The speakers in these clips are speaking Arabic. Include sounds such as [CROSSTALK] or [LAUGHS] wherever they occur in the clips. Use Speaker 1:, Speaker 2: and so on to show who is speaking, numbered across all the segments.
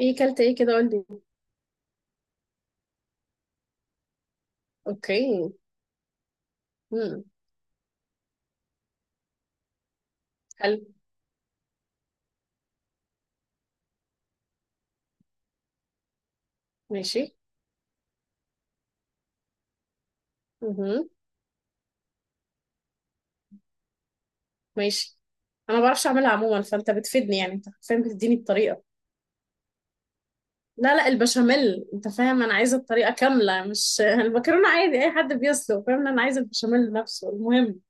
Speaker 1: ايه كلت ايه كده قولي. اوكي. امم. حلو. ماشي. امم. ماشي. انا ما بعرفش اعملها عموما، فانت بتفيدني، يعني انت فاهم بتديني الطريقه. لا لا، البشاميل انت فاهم انا عايزه الطريقه كامله، مش [LAUGHS] المكرونه عادي اي حد بيسلق، فاهم انا عايزه البشاميل نفسه المهم.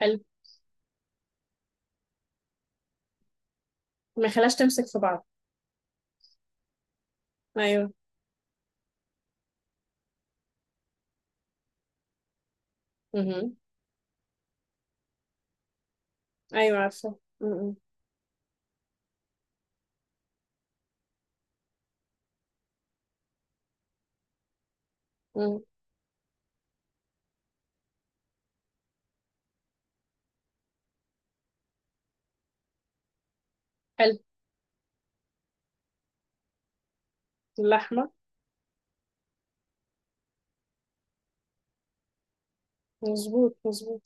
Speaker 1: حلو. ما يخليهاش تمسك في بعض. ايوه. امم. ايوه عارفه. امم. حلو. اللحمه. مظبوط مظبوط.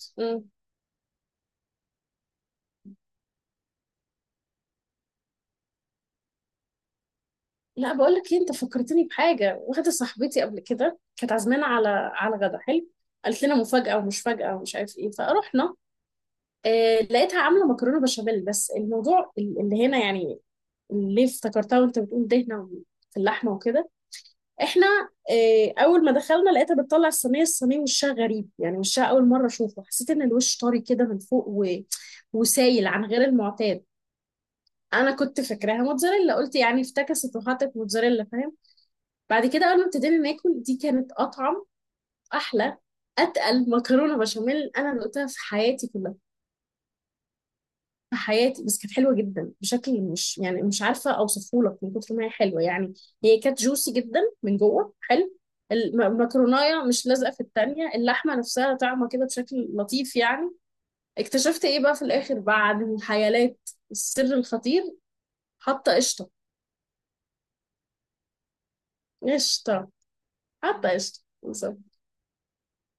Speaker 1: لا بقول لك ايه، انت فكرتني بحاجه واحده، صاحبتي قبل كده كانت عازمانا على على غدا، حلو. قالت لنا مفاجاه ومش فاجاه ومش عارف ايه، فرحنا. آه، لقيتها عامله مكرونه بشاميل، بس الموضوع اللي هنا يعني. اللي افتكرتها وانت بتقول دهنه في اللحمه وكده. احنا، آه اول ما دخلنا لقيتها بتطلع الصينيه الصينيه، وشها غريب يعني، وشها اول مره اشوفه، حسيت ان الوش طري كده من فوق وسايل عن غير المعتاد. انا كنت فاكراها موتزاريلا، قلت يعني افتكست وحطت موتزاريلا، فاهم. بعد كده اول ما ابتدينا ناكل، دي كانت اطعم، احلى، اتقل مكرونه بشاميل انا دقتها في حياتي كلها، في حياتي. بس كانت حلوه جدا بشكل مش يعني، مش عارفه اوصفه لك من كتر ما هي حلوه يعني. هي كانت جوسي جدا من جوه، حلو. المكرونايه مش لازقه في التانية، اللحمه نفسها طعمه كده بشكل لطيف يعني. اكتشفت ايه بقى في الاخر بعد الحيالات؟ السر الخطير، حاطه قشطه. قشطه. حاطه قشطه،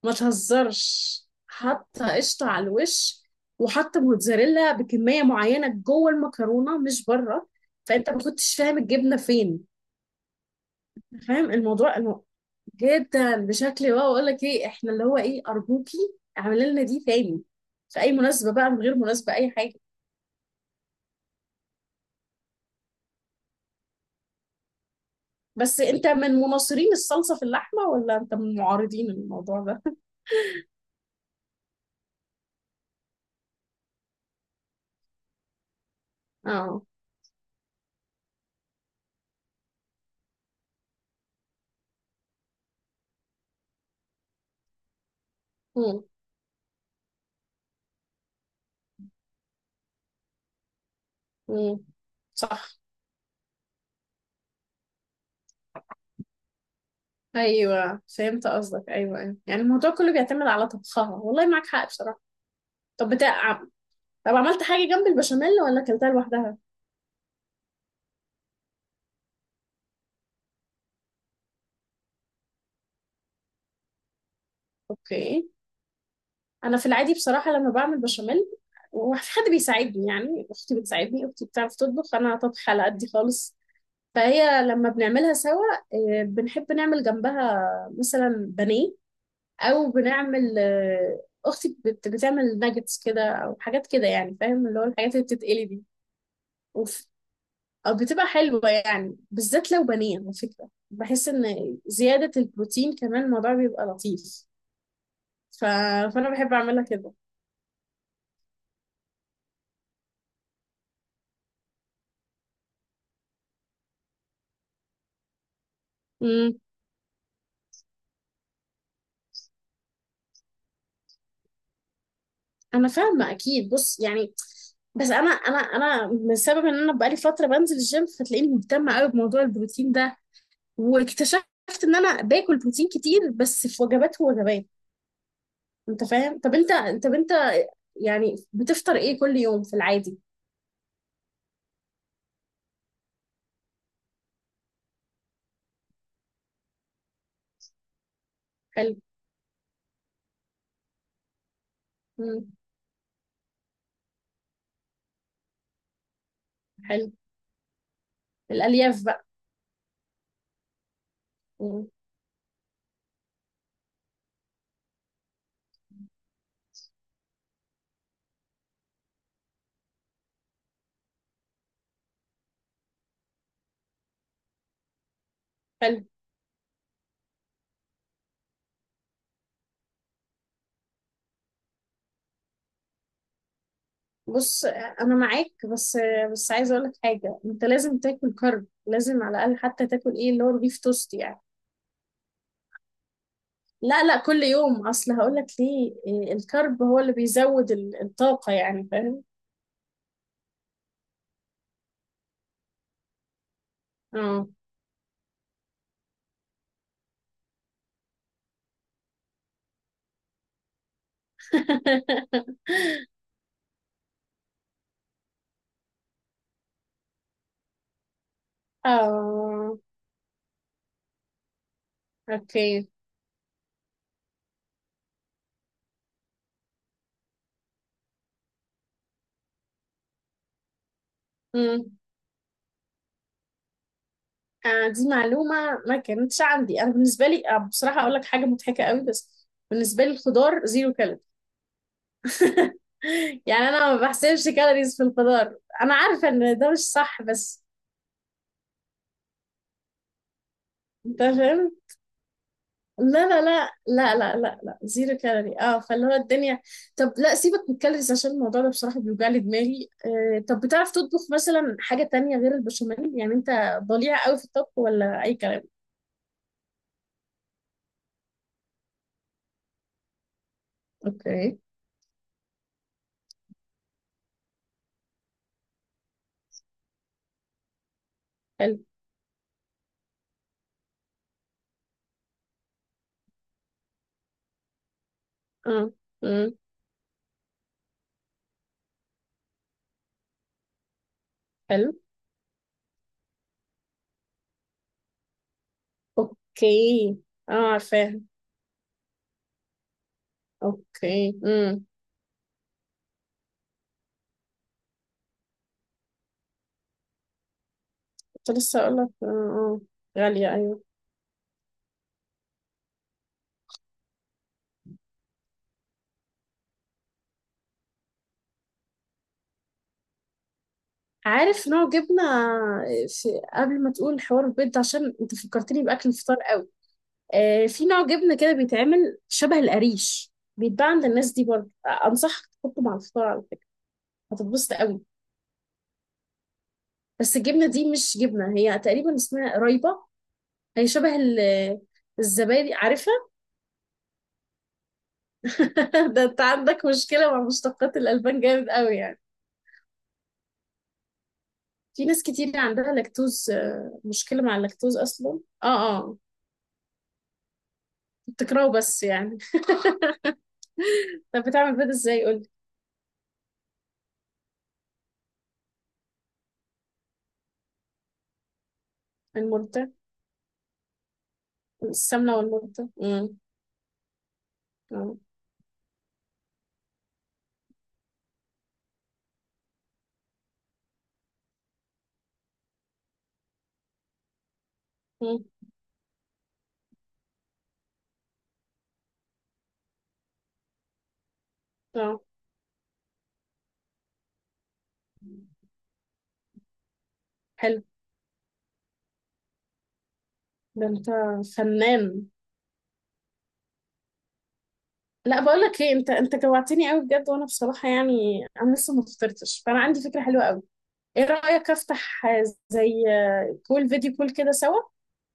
Speaker 1: ما تهزرش، حاطه قشطه على الوش، وحاطه موتزاريلا بكميه معينه جوه المكرونه مش بره. فانت ما كنتش فاهم الجبنه فين. فاهم الموضوع جدا بشكل واو. اقول لك ايه، احنا اللي هو ايه، ارجوكي اعملي لنا دي تاني في اي مناسبه بقى، من غير مناسبه، اي حاجه. بس انت من مناصرين الصلصه في اللحمه، ولا انت من معارضين الموضوع ده؟ [LAUGHS] اه. امم. امم. صح. ايوه فهمت قصدك، ايوه ايوه، يعني الموضوع كله بيعتمد على طبخها، والله معاك حق بصراحه. طب بتاع، طب عملت حاجه جنب البشاميل ولا اكلتها لوحدها؟ اوكي. انا في العادي بصراحه لما بعمل بشاميل وفي حد بيساعدني، يعني اختي بتساعدني، اختي بتعرف تطبخ، انا طبخ على قدي خالص. فهي لما بنعملها سوا، بنحب نعمل جنبها مثلا بانيه، او بنعمل، اختي بتعمل ناجتس كده او حاجات كده يعني، فاهم اللي هو الحاجات اللي بتتقلي دي. أو بتبقى حلوة، يعني بالذات لو بانيه، على فكرة بحس إن زيادة البروتين كمان الموضوع بيبقى لطيف. ف... فأنا بحب أعملها كده. امم. أنا فاهمة أكيد، بص يعني، بس أنا بسبب إن أنا بقالي فترة بنزل الجيم، فتلاقيني مهتمة أوي بموضوع البروتين ده. واكتشفت إن أنا باكل بروتين كتير بس في وجبات ووجبات. أنت فاهم؟ طب أنت يعني بتفطر إيه كل يوم في العادي؟ حلو. امم. حلو. الألياف بقى. امم. حلو. بص انا معاك، بس بس عايزه اقول لك حاجه، انت لازم تاكل كارب، لازم على الاقل حتى تاكل ايه اللي هو البيف توست يعني. لا لا، كل يوم، اصل هقول لك ليه، إيه، الكارب هو اللي بيزود الطاقه يعني، فاهم. اه. [LAUGHS] اه. اوكي. امم. آه دي معلومه ما كانتش عندي، انا بالنسبه لي، بصراحه اقول لك حاجه مضحكه قوي، بس بالنسبه لي الخضار زيرو كالوري. [LAUGHS] يعني انا ما بحسبش كالوريز في الخضار، انا عارفه ان ده مش صح بس. انت فاهم، لا لا لا لا لا لا لا، زيرو كالوري، اه، فاللي هو الدنيا. طب لا سيبك من الكالوريز، عشان الموضوع ده بصراحه بيوجع لي دماغي. آه طب بتعرف تطبخ مثلا حاجه تانية غير البشاميل؟ يعني انت ضليع قوي في الطبخ ولا اي كلام؟ اوكي. حلو. اه. امم. حلو. اوكي. اه عارفاها. اوكي. امم. كنت لسه اقول لك، اه اه، غاليه أيوة. عارف نوع جبنة، في قبل ما تقول حوار البيض ده، عشان انت فكرتني بأكل الفطار قوي. آه في نوع جبنة كده بيتعمل شبه القريش، بيتباع عند الناس دي برضه، أنصحك تحطه مع الفطار على فكرة، هتتبسط قوي. بس الجبنة دي مش جبنة، هي تقريبا اسمها قريبة، هي شبه الزبادي، عارفها. [LAUGHS] ده انت عندك مشكلة مع مشتقات الألبان جامد قوي يعني. في ناس كتير عندها لاكتوز، مشكلة مع اللاكتوز أصلا، اه. اه بتكرهه بس يعني. [LAUGHS] طب بتعمل بيض ازاي قولي. المرده. السمنه والمرده. امم. اه. مم. اه. حلو. ده انت فنان. لا بقول لك ايه، انت انت جوعتني قوي بجد، وانا بصراحه يعني انا لسه ما فطرتش، فانا عندي فكره حلوه قوي. ايه رايك افتح، زي كول فيديو كول كده سوا،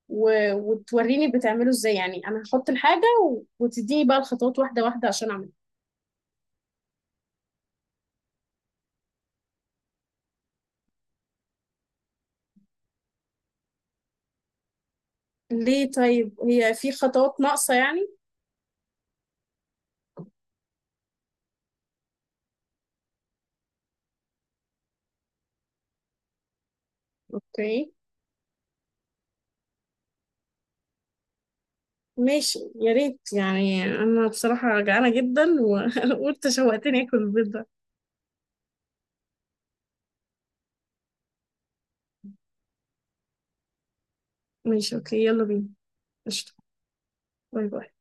Speaker 1: وتوريني بتعمله ازاي، يعني انا هحط الحاجه وتديني بقى الخطوات واحده واحده عشان اعملها. ليه طيب، هي في خطوات ناقصه يعني؟ اوكي ماشي، يا ريت، يعني انا بصراحة جعانة جدا و- [LAUGHS] وانت شوقتني اكل البيض ده. ماشي اوكي يلا بينا. قشطة. باي باي.